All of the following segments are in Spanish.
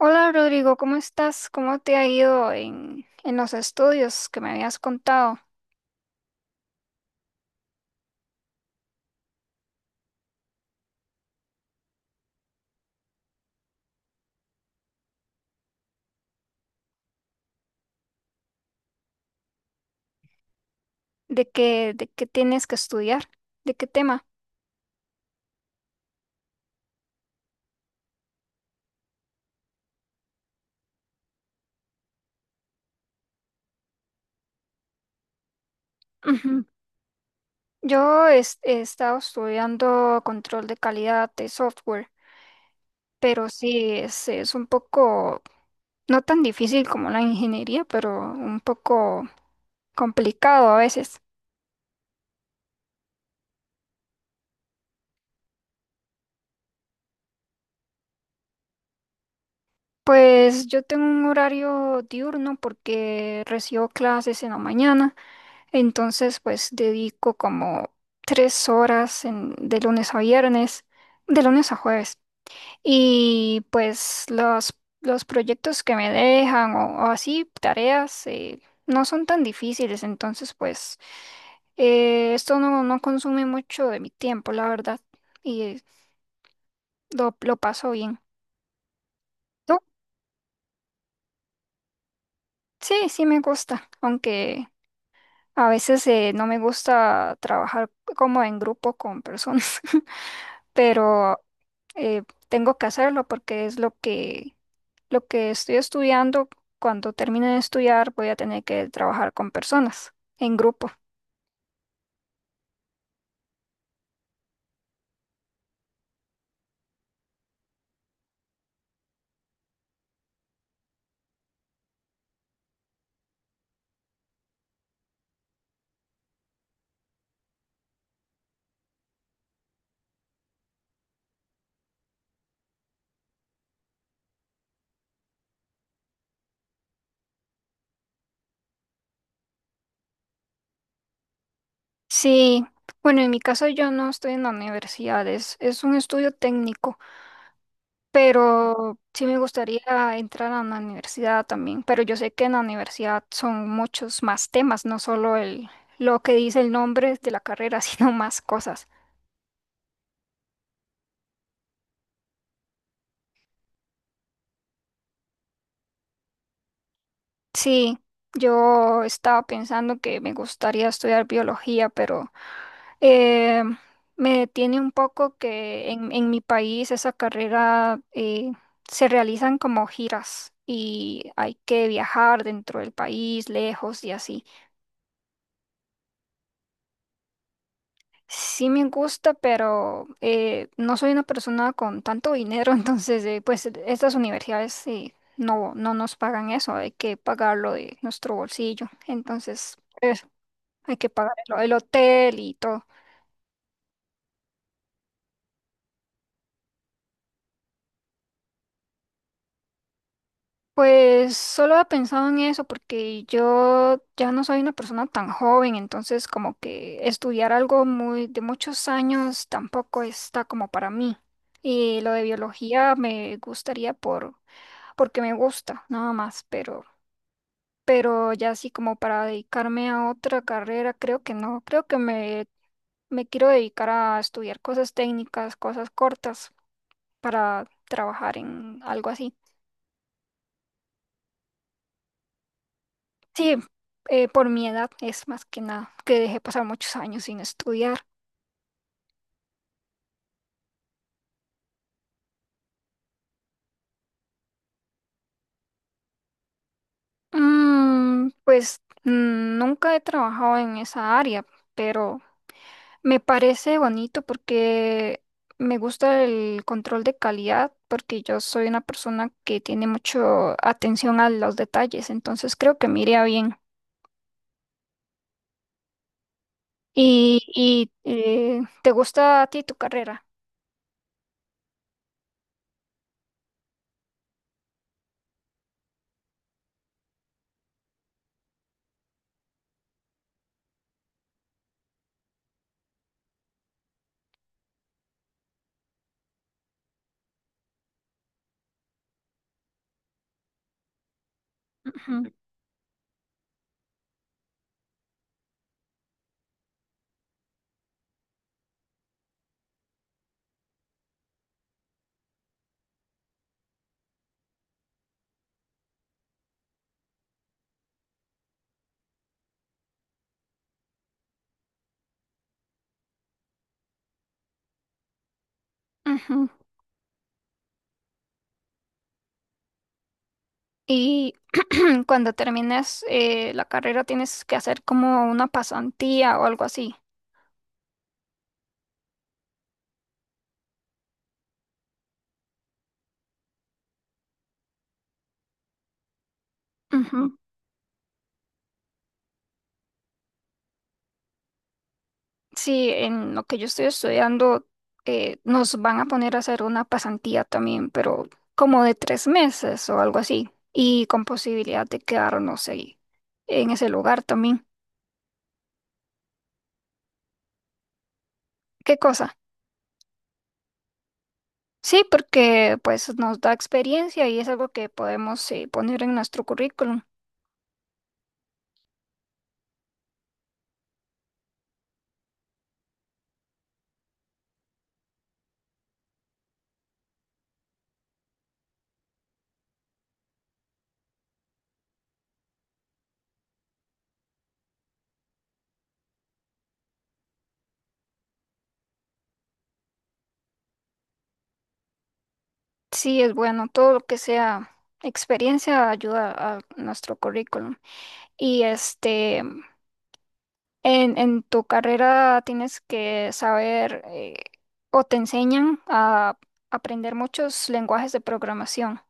Hola Rodrigo, ¿cómo estás? ¿Cómo te ha ido en los estudios que me habías contado? De qué tienes que estudiar? ¿De qué tema? Ujú. Estado estudiando control de calidad de software, pero sí, es un poco, no tan difícil como la ingeniería, pero un poco complicado a veces. Pues yo tengo un horario diurno porque recibo clases en la mañana. Entonces, pues dedico como 3 horas de lunes a viernes, de lunes a jueves. Y pues los proyectos que me dejan o así, tareas, no son tan difíciles. Entonces, pues esto no consume mucho de mi tiempo, la verdad. Y lo paso bien. ¿Tú? Sí, sí me gusta, aunque a veces no me gusta trabajar como en grupo con personas. Pero eh, tengo que hacerlo porque es lo que estoy estudiando. Cuando termine de estudiar voy a tener que trabajar con personas en grupo. Sí, bueno, en mi caso yo no estoy en la universidad, es un estudio técnico, pero sí me gustaría entrar a una universidad también, pero yo sé que en la universidad son muchos más temas, no solo lo que dice el nombre de la carrera, sino más cosas. Sí, yo estaba pensando que me gustaría estudiar biología, pero eh, me detiene un poco que en mi país esa carrera se realizan como giras y hay que viajar dentro del país, lejos y así. Sí me gusta, pero no soy una persona con tanto dinero, entonces pues estas universidades no nos pagan eso, hay que pagarlo de nuestro bolsillo. Entonces pues, hay que pagar el hotel y todo. Pues solo he pensado en eso porque yo ya no soy una persona tan joven, entonces como que estudiar algo muy de muchos años tampoco está como para mí. Y lo de biología me gustaría porque me gusta, nada más, pero ya así como para dedicarme a otra carrera, creo que no. Creo que me quiero dedicar a estudiar cosas técnicas, cosas cortas para trabajar en algo así. Sí, por mi edad es más que nada, que dejé pasar muchos años sin estudiar. Mm, pues nunca he trabajado en esa área, pero me parece bonito porque me gusta el control de calidad, porque yo soy una persona que tiene mucho atención a los detalles, entonces creo que me iría bien. ¿Y, te gusta a ti tu carrera? Ujú, ujú. Y cuando termines la carrera tienes que hacer como una pasantía o algo así. Ujú. Sí, en lo que yo estoy estudiando nos van a poner a hacer una pasantía también, pero como de 3 meses o algo así. Y con posibilidad de quedarnos ahí en ese lugar también. ¿Qué cosa? Sí, porque pues nos da experiencia y es algo que podemos poner en nuestro currículum. Sí, es bueno, todo lo que sea experiencia ayuda a nuestro currículum. Y este, en tu carrera tienes que saber o te enseñan a aprender muchos lenguajes de programación.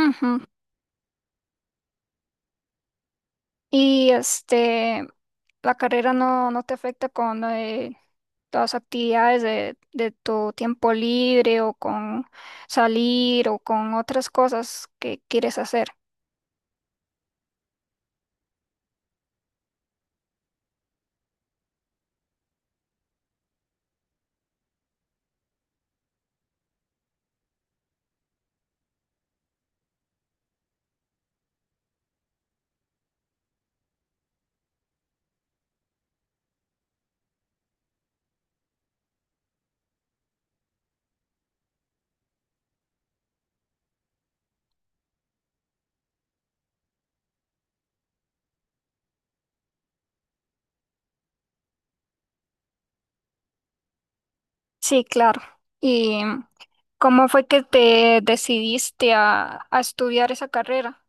Ujú. Y este, la carrera no te afecta con las actividades de tu tiempo libre o con salir o con otras cosas que quieres hacer. Sí, claro. ¿Y cómo fue que te decidiste a estudiar esa carrera?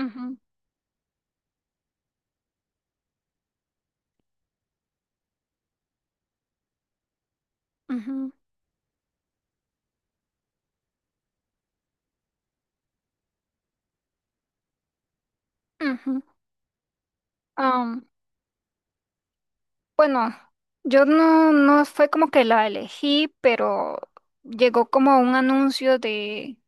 Ujú, ujú, ujú. Am, bueno, yo no fue como que la elegí, pero llegó como un anuncio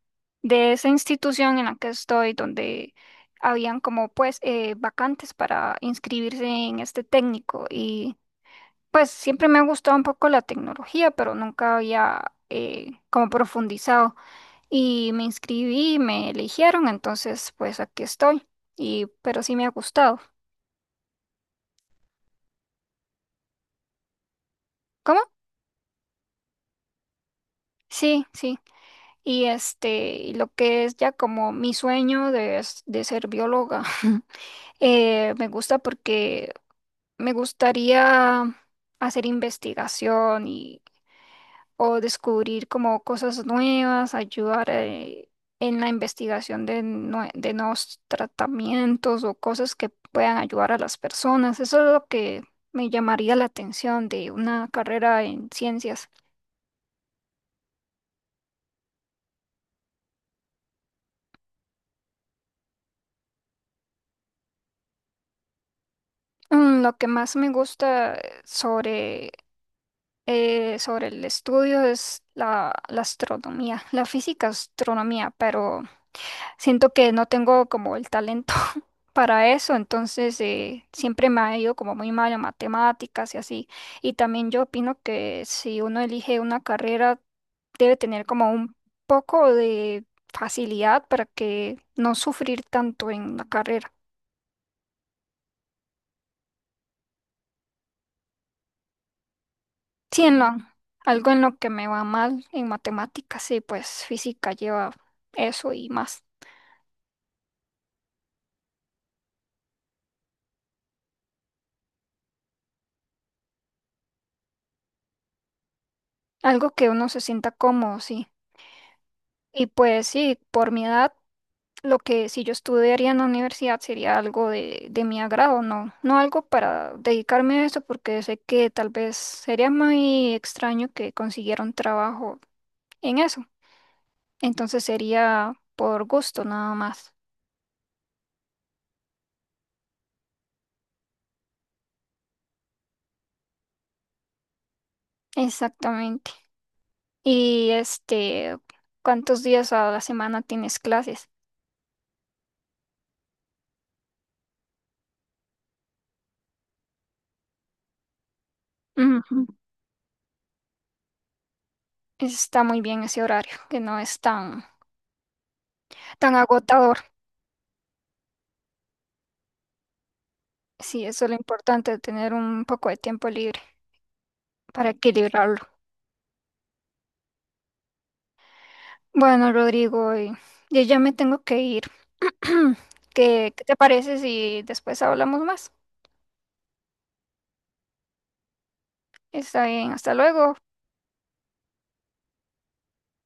de esa institución en la que estoy, donde habían como pues vacantes para inscribirse en este técnico y pues siempre me ha gustado un poco la tecnología, pero nunca había como profundizado. Y me inscribí, me eligieron, entonces pues aquí estoy. Y pero sí me ha gustado. ¿Cómo? Sí, sí. Y este, y lo que es ya como mi sueño de ser bióloga, me gusta porque me gustaría hacer investigación y o descubrir como cosas nuevas, ayudar en la investigación de nuevos tratamientos o cosas que puedan ayudar a las personas. Eso es lo que me llamaría la atención de una carrera en ciencias. Mm, lo que más me gusta sobre el estudio es la astronomía, la física astronomía, pero siento que no tengo como el talento para eso, entonces siempre me ha ido como muy mal en matemáticas y así. Y también yo opino que si uno elige una carrera, debe tener como un poco de facilidad para que no sufrir tanto en la carrera. Sí, algo en lo que me va mal en matemáticas, sí, pues física lleva eso y más. Algo que uno se sienta cómodo, sí. Y pues sí, por mi edad. Lo que si yo estudiaría en la universidad sería algo de mi agrado, no algo para dedicarme a eso, porque sé que tal vez sería muy extraño que consiguiera un trabajo en eso. Entonces sería por gusto nada más. Exactamente. Y este, ¿cuántos días a la semana tienes clases? Ujú. Está muy bien ese horario, que no es tan agotador. Sí, eso es lo importante, tener un poco de tiempo libre para equilibrarlo. Bueno, Rodrigo, yo ya me tengo que ir. ¿Qué, qué te parece si después hablamos más? Está bien, hasta luego.